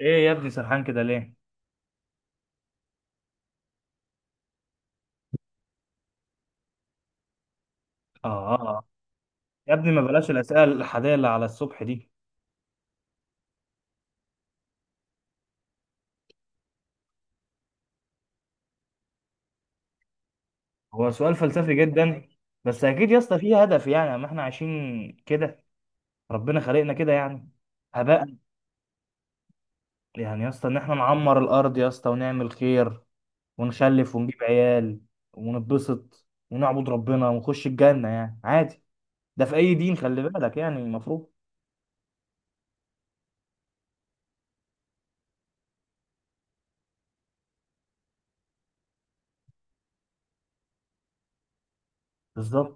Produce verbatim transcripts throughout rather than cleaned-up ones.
ايه يا ابني سرحان كده ليه؟ آه, اه يا ابني ما بلاش الاسئله الاحاديه اللي على الصبح دي. هو سؤال فلسفي جدا. بس اكيد يا اسطى فيه هدف، يعني ما احنا عايشين كده. ربنا خلقنا كده يعني. هباء. يعني يا اسطى ان احنا نعمر الارض يا اسطى ونعمل خير ونخلف ونجيب عيال ونتبسط ونعبد ربنا ونخش الجنه، يعني عادي. ده في اي دين، خلي بالك، يعني المفروض. بالظبط.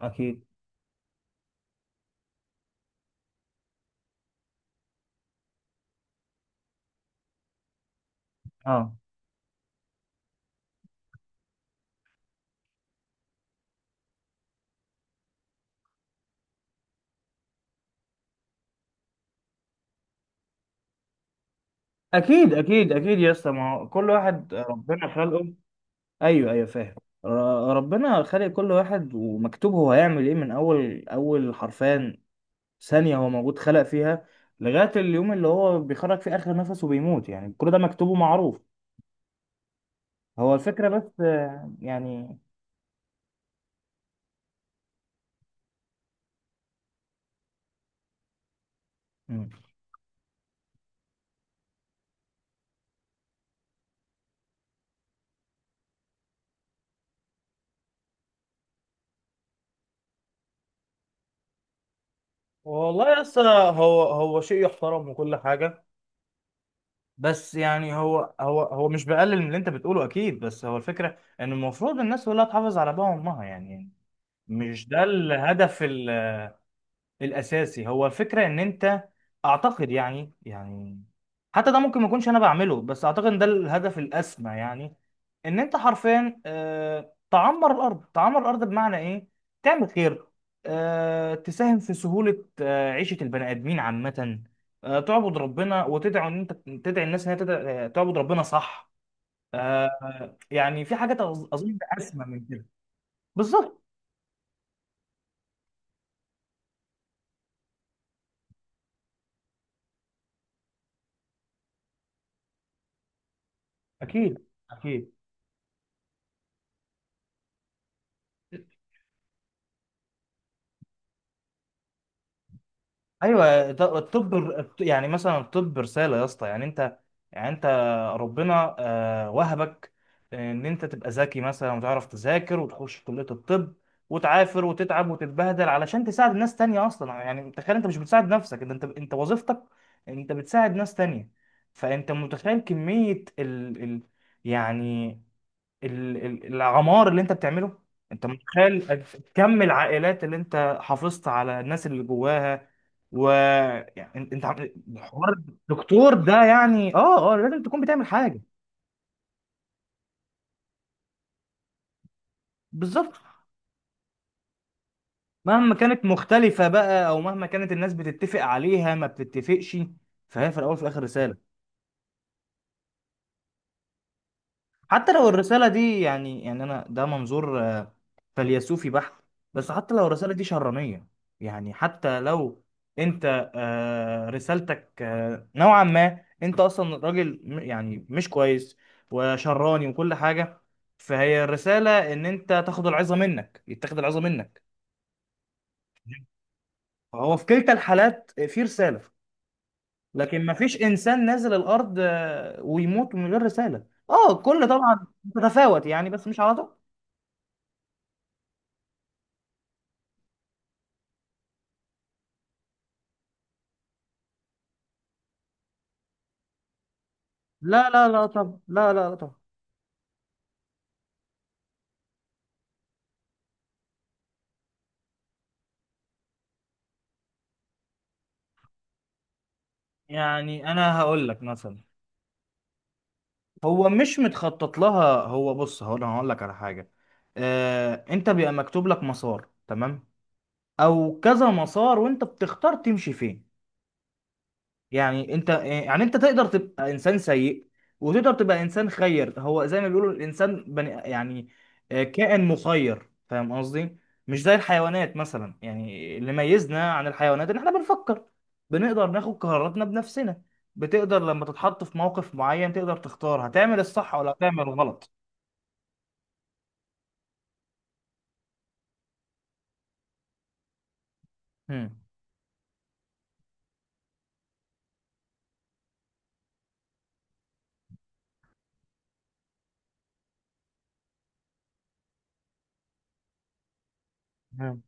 اكيد. اه. اكيد اكيد اكيد يا اسطى، ما هو كل واحد ربنا خلقه. ايوه ايوه فاهم. ر- ربنا خلق كل واحد ومكتوب هو هيعمل ايه من اول اول حرفان ثانية هو موجود خلق فيها لغاية اليوم اللي هو بيخرج فيه اخر نفس وبيموت، يعني كل ده مكتوب ومعروف. هو الفكرة بس آه، يعني. مم. والله يا اسطى، هو هو شيء يحترم وكل حاجه. بس يعني هو هو هو مش بقلل من اللي انت بتقوله، اكيد، بس هو الفكره ان المفروض الناس كلها تحافظ على ابائها وامها يعني. مش ده الهدف الاساسي؟ هو فكره ان انت، اعتقد يعني يعني، حتى ده ممكن ما اكونش انا بعمله، بس اعتقد ان ده الهدف الاسمى يعني. ان انت حرفيا آه، تعمر الارض. تعمر الارض بمعنى ايه؟ تعمل خير، آه، تساهم في سهوله آه، عيشه البني ادمين عامه، آه، تعبد ربنا وتدعو ان انت تدعي الناس ان هي تدع- آه، تعبد ربنا، صح؟ آه، يعني في حاجات أظ- اظن اسمى من كده. بالظبط. اكيد اكيد. ايوه. ط- الطب، الط- يعني مثلا الطب رساله يا اسطى. يعني انت، يعني انت ربنا آه، وهبك ان انت تبقى ذكي مثلا وتعرف تذاكر وتخش كليه الطب وتعافر وتتعب وتتبهدل علشان تساعد ناس تانية اصلا. يعني تخيل، انت مش بتساعد نفسك، انت انت انت وظيفتك انت بتساعد ناس تانية. فانت متخيل كميه ال... ال... يعني ال- ال- العمار اللي انت بتعمله؟ انت متخيل كم العائلات اللي انت حافظت على الناس اللي جواها؟ و، يعني انت انت عم- حوار الدكتور ده يعني، اه اه، لازم تكون بتعمل حاجه. بالظبط. مهما كانت مختلفه بقى، او مهما كانت الناس بتتفق عليها ما بتتفقش، فهي في الاول وفي الاخر رساله. حتى لو الرساله دي، يعني يعني انا ده منظور فيلسوفي بحت، بس حتى لو الرسالة دي شرانية. يعني حتى لو انت آه، رسالتك آه، نوعا ما انت اصلا راجل م- يعني مش كويس وشراني وكل حاجة، فهي الرسالة ان انت تاخد العظة منك، يتاخد العظة منك. فهو في كلتا الحالات في رسالة. لكن مفيش انسان نازل الارض آه، ويموت من غير رسالة. اه، كل طبعا تتفاوت يعني، بس مش على طول. لا لا لا طب، لا لا لا طب. يعني انا هقول لك مثلا. هو مش متخطط لها. هو بص، هقول، انا هقول لك على حاجه. آه، انت بيبقى مكتوب لك مسار، تمام، او كذا مسار، وانت بتختار تمشي فين. يعني انت، يعني انت تقدر تبقى انسان سيء وتقدر تبقى انسان خير. هو زي ما بيقولوا، الانسان بني يعني آه، كائن مخير، فاهم قصدي؟ مش زي الحيوانات مثلا. يعني اللي ميزنا عن الحيوانات ان احنا بنفكر، بنقدر ناخد قراراتنا بنفسنا. بتقدر لما تتحط في موقف معين تقدر تختار، هتعمل الصح ولا هتعمل الغلط. مم. تمام.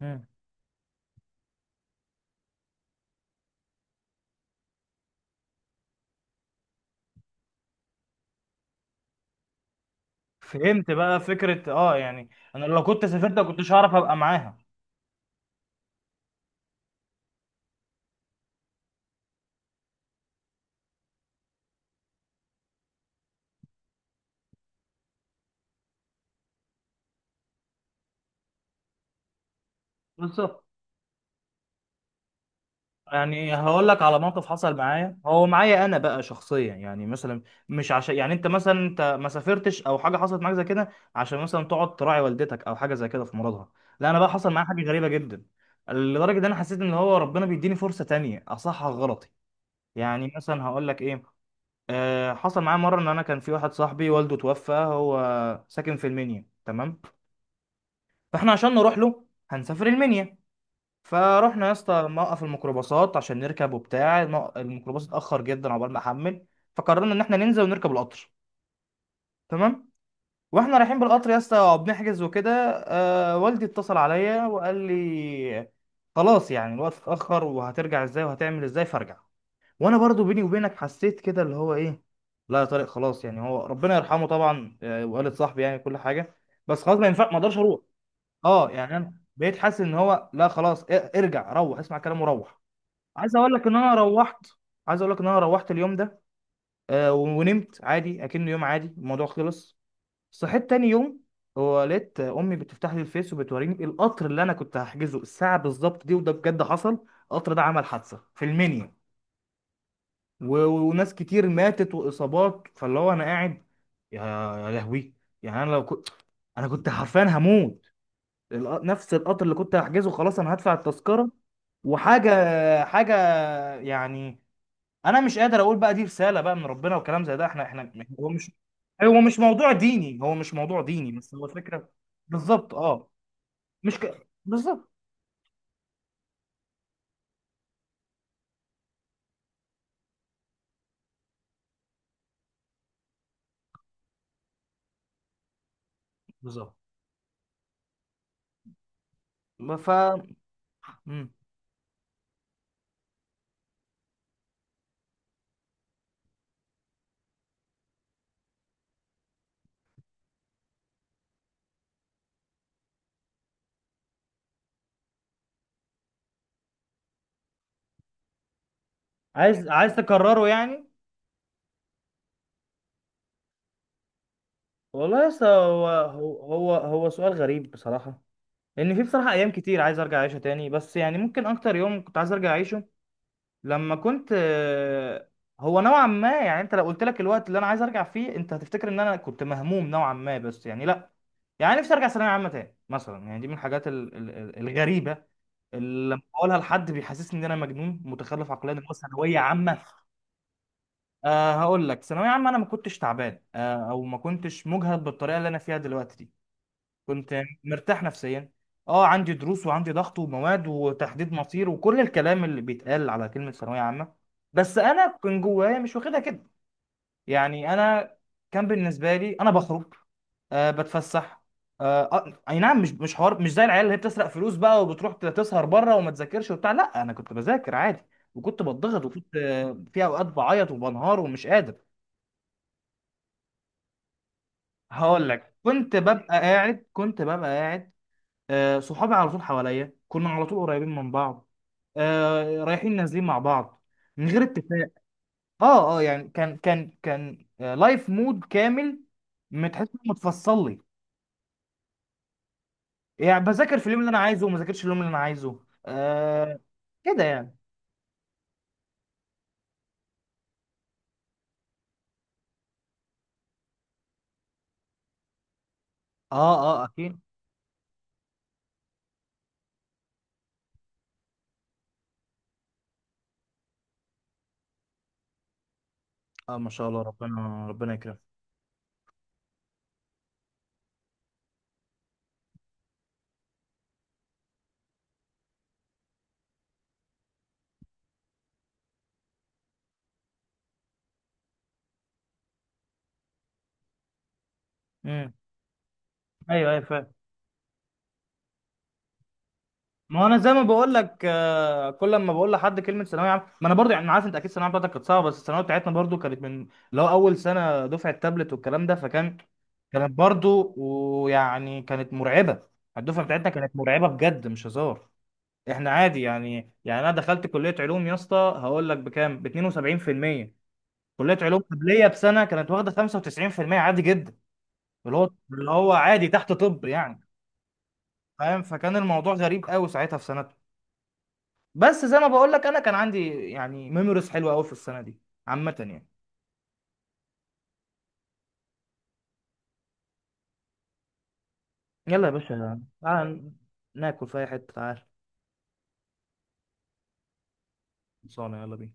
مم. فهمت بقى فكرة، اه يعني انا لو كنت سافرت ما كنتش هعرف ابقى معاها. بالظبط. يعني هقول لك على موقف حصل معايا هو، معايا انا بقى شخصيا، يعني مثلا، مش عشان يعني انت مثلا انت ما سافرتش او حاجه حصلت معاك زي كده عشان مثلا تقعد تراعي والدتك او حاجه زي كده في مرضها. لا، انا بقى حصل معايا حاجه غريبه جدا، لدرجه ان انا حسيت ان هو ربنا بيديني فرصه تانية اصحح غلطي. يعني مثلا هقول لك ايه. آه، حصل معايا مره ان انا كان في واحد صاحبي والده توفى، هو ساكن في المنيا، تمام. فاحنا عشان نروح له هنسافر المنيا. فروحنا يا اسطى موقف الميكروباصات عشان نركب، وبتاع المو- الميكروباص اتاخر جدا عقبال ما حمل. فقررنا ان احنا ننزل ونركب القطر، تمام. واحنا رايحين بالقطر يا اسطى بنحجز وكده، آه، والدي اتصل عليا وقال لي خلاص، يعني الوقت اتاخر، وهترجع ازاي وهتعمل ازاي، فارجع. وانا برضو بيني وبينك حسيت كده اللي هو ايه، لا يا طارق خلاص، يعني هو ربنا يرحمه طبعا آه، وقالت صاحبي يعني كل حاجه، بس خلاص ما ينفع، ما اقدرش اروح. اه، يعني انا بقيت حاسس ان هو لا خلاص، ا- ارجع، روح اسمع كلامه، روح. عايز اقول لك ان انا روحت عايز اقول لك ان انا روحت اليوم ده آه، ونمت عادي اكنه يوم عادي، الموضوع خلص. صحيت تاني يوم ولقيت امي بتفتح لي الفيس وبتوريني القطر اللي انا كنت هحجزه الساعه بالظبط دي، وده بجد حصل. القطر ده عمل حادثه في المنيا و- وناس كتير ماتت واصابات، فاللي هو انا قاعد، يا، يا لهوي. يعني انا لو كنت، انا كنت حرفيا هموت. الق- نفس القطر اللي كنت هحجزه، خلاص انا هدفع التذكره وحاجه، حاجه يعني. انا مش قادر اقول بقى دي رساله بقى من ربنا وكلام زي ده، احنا احنا. هو مش هو مش موضوع ديني، هو مش موضوع ديني، بس هو فكره. بالظبط. اه. مش ك... بالظبط. بالظبط. ف، مم. عايز، عايز تكرره يعني؟ والله لسه، هو هو هو هو سؤال غريب بصراحه. لان في بصراحه ايام كتير عايز ارجع اعيشها تاني، بس يعني ممكن اكتر يوم كنت عايز ارجع اعيشه لما كنت آه، هو نوعا ما، يعني انت لو قلت لك الوقت اللي انا عايز ارجع فيه انت هتفتكر ان انا كنت مهموم نوعا ما، بس يعني لا. يعني نفسي ارجع ثانويه عامه تاني مثلا. يعني دي من الحاجات ال- ال- ال- الغريبه، اللي لما بقولها لحد بيحسسني ان انا مجنون متخلف عقليا، اللي هو ثانويه عامه. آه، هقول لك، ثانويه عامه انا ما كنتش تعبان آه او ما كنتش مجهد بالطريقه اللي انا فيها دلوقتي دي. كنت مرتاح نفسيا. اه عندي دروس وعندي ضغط ومواد وتحديد مصير وكل الكلام اللي بيتقال على كلمة ثانوية عامة، بس انا كان جوايا مش واخدها كده. يعني انا كان بالنسبة لي انا بخرج، آه، بتفسح، آه آه، اي نعم، مش مش حوار مش زي العيال اللي هي بتسرق فلوس بقى وبتروح تسهر بره وما تذاكرش وبتاع. لا، انا كنت بذاكر عادي وكنت بتضغط وكنت آه، في اوقات بعيط وبنهار ومش قادر. هقول لك، كنت ببقى قاعد كنت ببقى قاعد آه، صحابي على طول حواليا، كنا على طول قريبين من بعض، آه، رايحين نازلين مع بعض من غير اتفاق. اه اه، يعني كان كان كان آه، لايف مود كامل، متحس انه متفصل لي. يعني بذاكر في اليوم اللي انا عايزه وما ذاكرش اليوم اللي انا عايزه. آه كده يعني. اه اه اكيد. اه ما شاء الله، ربنا ربنا يكرم. امم. ايوه ايوه. ما هو انا زي ما بقول لك آه، كل ما بقول لحد كلمه ثانويه عامه، ما انا برضو يعني، أنا عارف انت اكيد الثانويه بتاعتك كانت صعبه، بس الثانويه بتاعتنا برضو كانت من اللي هو اول سنه دفعه تابلت والكلام ده، فكان كانت برضو، ويعني كانت مرعبه. الدفعه بتاعتنا كانت مرعبه بجد، مش هزار. احنا عادي يعني، يعني انا دخلت كليه علوم يا اسطى هقول لك بكام، ب اتنين وسبعين في المية. كليه علوم قبليه بسنه كانت واخده خمسة وتسعين في المية عادي جدا، اللي هو اللي هو عادي تحت طب يعني. فاهم، فكان الموضوع غريب قوي ساعتها في سنه. بس زي ما بقول لك، انا كان عندي يعني ميموريز حلوه قوي في السنه دي عامه يعني. يلا يا باشا، تعال ناكل في اي حته، تعال. خلصانه، يلا بينا.